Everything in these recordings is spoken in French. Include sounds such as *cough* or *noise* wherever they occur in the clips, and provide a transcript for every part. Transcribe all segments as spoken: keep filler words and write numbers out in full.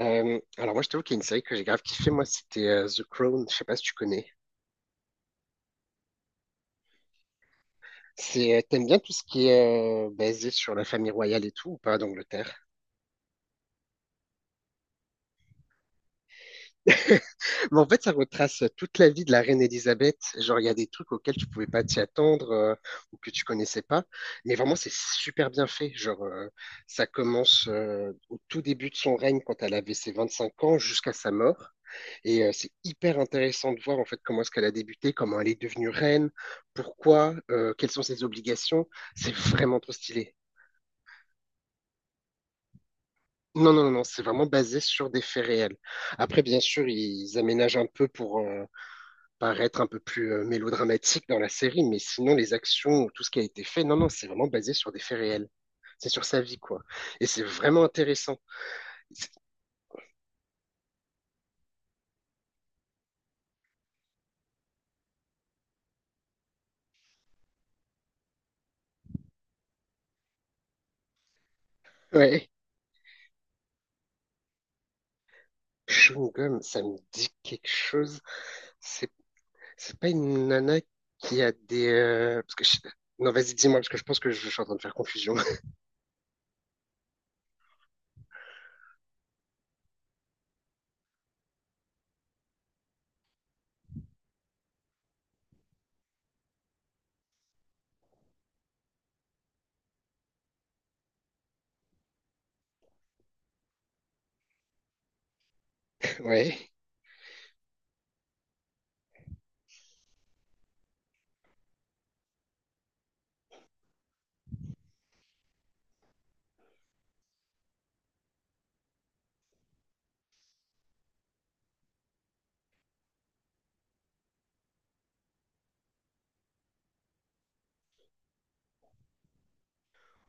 Euh, alors moi, je trouve qu'il y a une série que j'ai grave kiffé, moi, c'était euh, The Crown, je sais pas si tu connais. C'est, euh, t'aimes bien tout ce qui est euh, basé sur la famille royale et tout, ou pas, d'Angleterre? Mais en fait, ça retrace toute la vie de la reine Elisabeth. Genre, il y a des trucs auxquels tu pouvais pas t'y attendre euh, ou que tu connaissais pas. Mais vraiment, c'est super bien fait. Genre, euh, ça commence euh, au tout début de son règne quand elle avait ses vingt-cinq ans jusqu'à sa mort. Et euh, c'est hyper intéressant de voir en fait comment est-ce qu'elle a débuté, comment elle est devenue reine, pourquoi, euh, quelles sont ses obligations. C'est vraiment trop stylé. Non, non, non, non, c'est vraiment basé sur des faits réels. Après, bien sûr, ils aménagent un peu pour, euh, paraître un peu plus euh, mélodramatique dans la série, mais sinon les actions, ou tout ce qui a été fait, non, non, c'est vraiment basé sur des faits réels. C'est sur sa vie, quoi. Et c'est vraiment intéressant. C'est- Ouais, Chewing Gum, ça me dit quelque chose. C'est c'est pas une nana qui a des... euh, Parce que je- Non, vas-y, dis-moi, parce que je pense que je, je suis en train de faire confusion. *laughs* Ouais.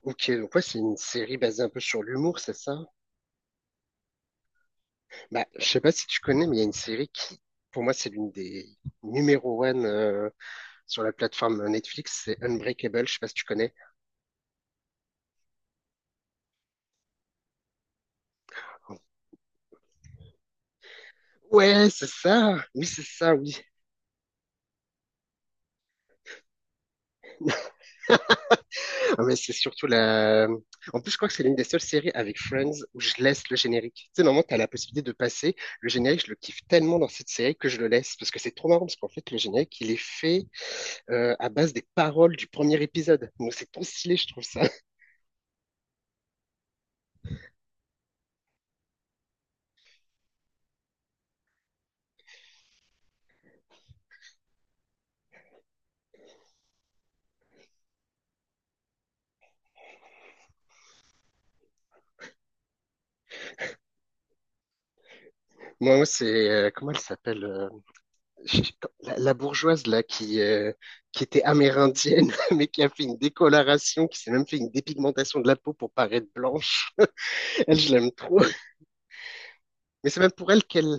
Ok, donc ouais, c'est une série basée un peu sur l'humour, c'est ça? Bah, je sais pas si tu connais, mais il y a une série qui, pour moi, c'est l'une des numéro one sur la plateforme Netflix, c'est Unbreakable, je sais pas si tu connais. Ouais, c'est ça. Oui, c'est ça, oui. Ah, mais c'est surtout la. En plus, je crois que c'est l'une des seules séries avec Friends où je laisse le générique. Tu sais, normalement, t'as la possibilité de passer. Le générique, je le kiffe tellement dans cette série que je le laisse parce que c'est trop marrant parce qu'en fait, le générique, il est fait euh, à base des paroles du premier épisode. Donc, c'est trop stylé, je trouve ça. *laughs* Moi, c'est. Euh, comment elle s'appelle? euh, je- La, la bourgeoise là qui, euh, qui était amérindienne *laughs* mais qui a fait une décoloration, qui s'est même fait une dépigmentation de la peau pour paraître blanche. Elle, je l'aime trop. Mais c'est même pour elle qu'elle,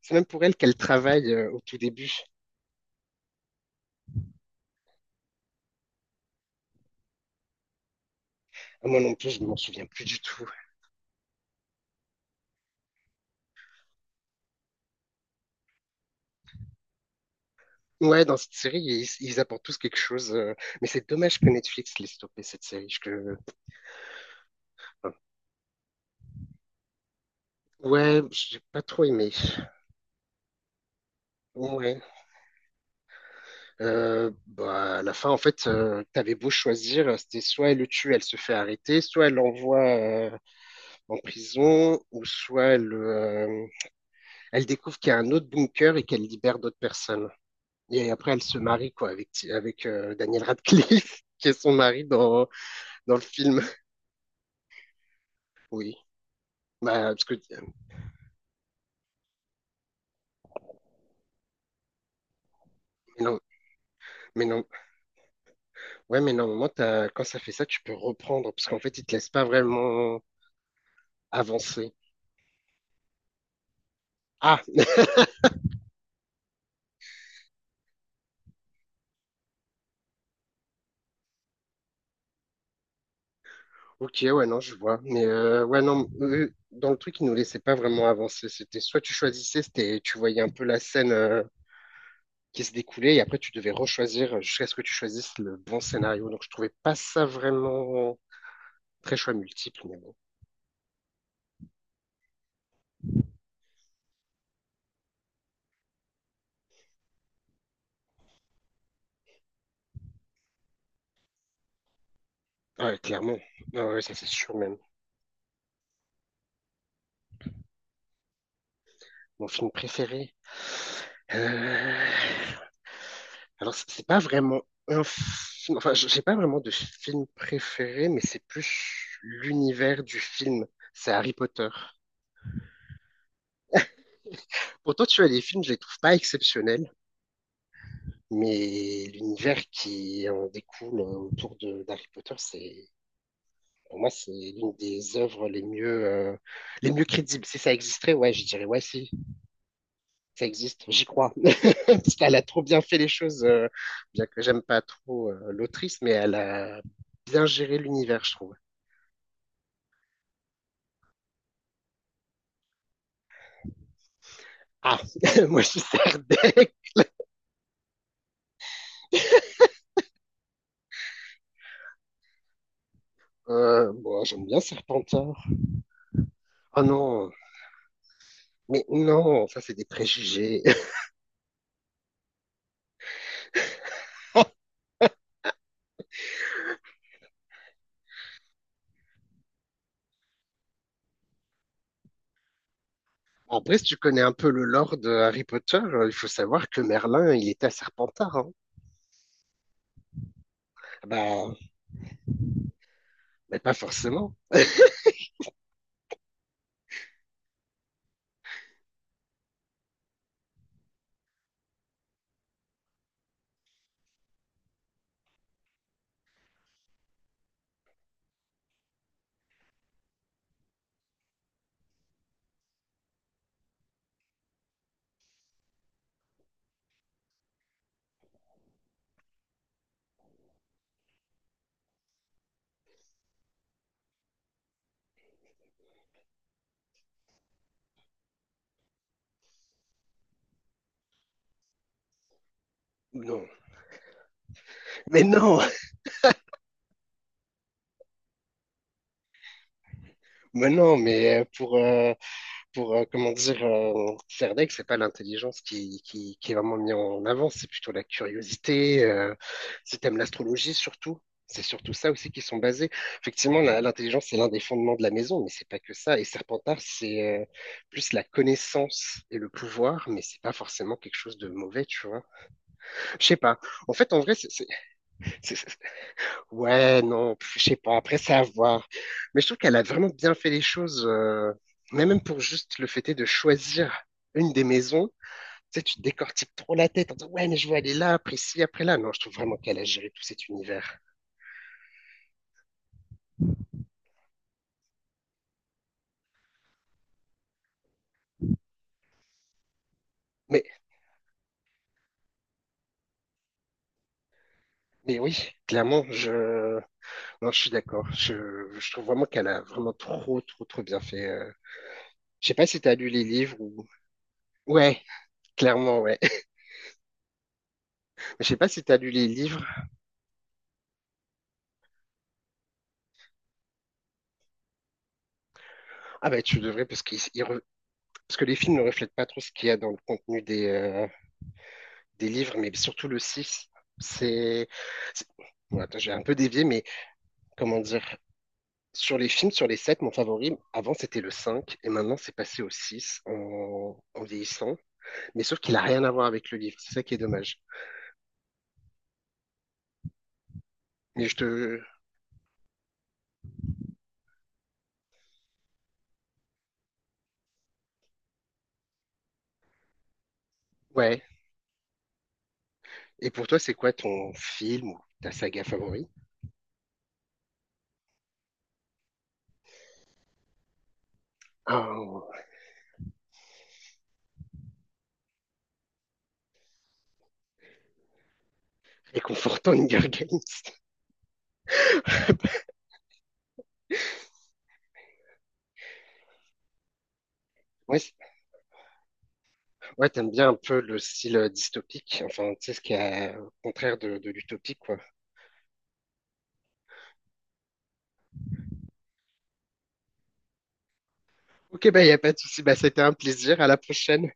c'est même pour elle qu'elle travaille euh, au tout début. Ah, Moi non plus, je ne m'en souviens plus du tout. Ouais, dans cette série, ils, ils apportent tous quelque chose. Euh, mais c'est dommage que Netflix l'ait stoppé cette série. Je, que... Ouais, j'ai pas trop aimé. Ouais. Euh, bah, à la fin, en fait, euh, t'avais beau choisir, c'était soit elle le tue, elle se fait arrêter, soit elle l'envoie euh, en prison, ou soit elle, euh, elle découvre qu'il y a un autre bunker et qu'elle libère d'autres personnes. Et après, elle se marie quoi avec avec euh, Daniel Radcliffe, *laughs* qui est son mari dans dans le film. Oui. Bah, parce que Mais non, mais non, ouais, mais normalement, t'as- quand ça fait ça, tu peux reprendre parce qu'en fait, ils te laissent pas vraiment avancer. Ah, ok, ouais, non, je vois. Mais euh, ouais, non, eux, dans le truc, ils nous laissaient pas vraiment avancer. C'était soit tu choisissais, c'était tu voyais un peu la scène euh, qui se découlait, et après tu devais rechoisir euh, jusqu'à ce que tu choisisses le bon scénario. Donc je trouvais pas ça vraiment très choix multiple, mais bon. Ah ouais, clairement. Ah ouais, ça c'est sûr même. Mon film préféré. Euh, Alors, c- c'est pas vraiment un film. Enfin, j- j'ai pas vraiment de film préféré, mais c'est plus l'univers du film. C'est Harry Potter. Pourtant, tu vois, les films, je les trouve pas exceptionnels, mais l'univers qui en découle autour de d'Harry Potter, c'est pour moi, c'est l'une des œuvres les mieux, euh, les mieux crédibles. Si ça existerait, ouais, je dirais, ouais, si, ça existe, j'y crois. *laughs* Parce qu'elle a trop bien fait les choses, euh, bien que j'aime pas trop euh, l'autrice, mais elle a bien géré l'univers, je trouve. Ah, *laughs* moi, je suis Serdec. Euh, bon, j'aime bien Serpentard. Oh non, mais non, ça, c'est des préjugés. *laughs* En vrai, si tu connais un peu le lore de Harry Potter, euh, il faut savoir que Merlin, il était à Serpentard, hein. Ah bah, mais pas forcément. Non. Mais non, *laughs* mais non, mais euh, pour, euh, pour euh, comment dire, euh, Serdaigle, c'est pas l'intelligence qui, qui, qui est vraiment mise en avant, c'est plutôt la curiosité, euh, si t'aimes l'astrologie surtout. C'est surtout ça aussi qui sont basés. Effectivement, la- l'intelligence, c'est l'un des fondements de la maison, mais c'est pas que ça. Et Serpentard, c'est euh, plus la connaissance et le pouvoir, mais c'est pas forcément quelque chose de mauvais, tu vois. Je sais pas. En fait, en vrai, c'est, c'est- c'est- c'est- ouais, non, je sais pas. Après, c'est à voir. Mais je trouve qu'elle a vraiment bien fait les choses, euh, mais même pour juste le fait est de choisir une des maisons. Tu sais, tu te décortiques trop la tête en disant, ouais, mais je veux aller là, après ci, après là. Non, je trouve vraiment qu'elle a géré tout cet univers. Mais, mais oui, clairement, je, non, je suis d'accord. Je, je trouve vraiment qu'elle a vraiment trop, trop, trop bien fait. euh. Je sais pas si tu as lu les livres ou. Ouais, clairement, ouais. *laughs* Je sais pas si tu as lu les livres. Ah bah, tu devrais parce qu'ils Parce que les films ne reflètent pas trop ce qu'il y a dans le contenu des, euh, des livres, mais surtout le six. C'est. c'est- Bon, attends, j'ai un peu dévié, mais comment dire? Sur les films, sur les sept, mon favori, avant c'était le cinq, et maintenant c'est passé au six en, en vieillissant. Mais sauf qu'il n'a rien à voir avec le livre, c'est ça qui est dommage. Mais je te. Ouais. Et pour toi, c'est quoi ton film ou ta saga favorite? Ah, réconfortant Hunger Games. *laughs* Ouais, Ouais, t'aimes bien un peu le style euh, dystopique, enfin, tu sais, ce qui est euh, au contraire de, de l'utopique, quoi. Ok, bah, y a pas de souci, bah, c'était un plaisir, à la prochaine.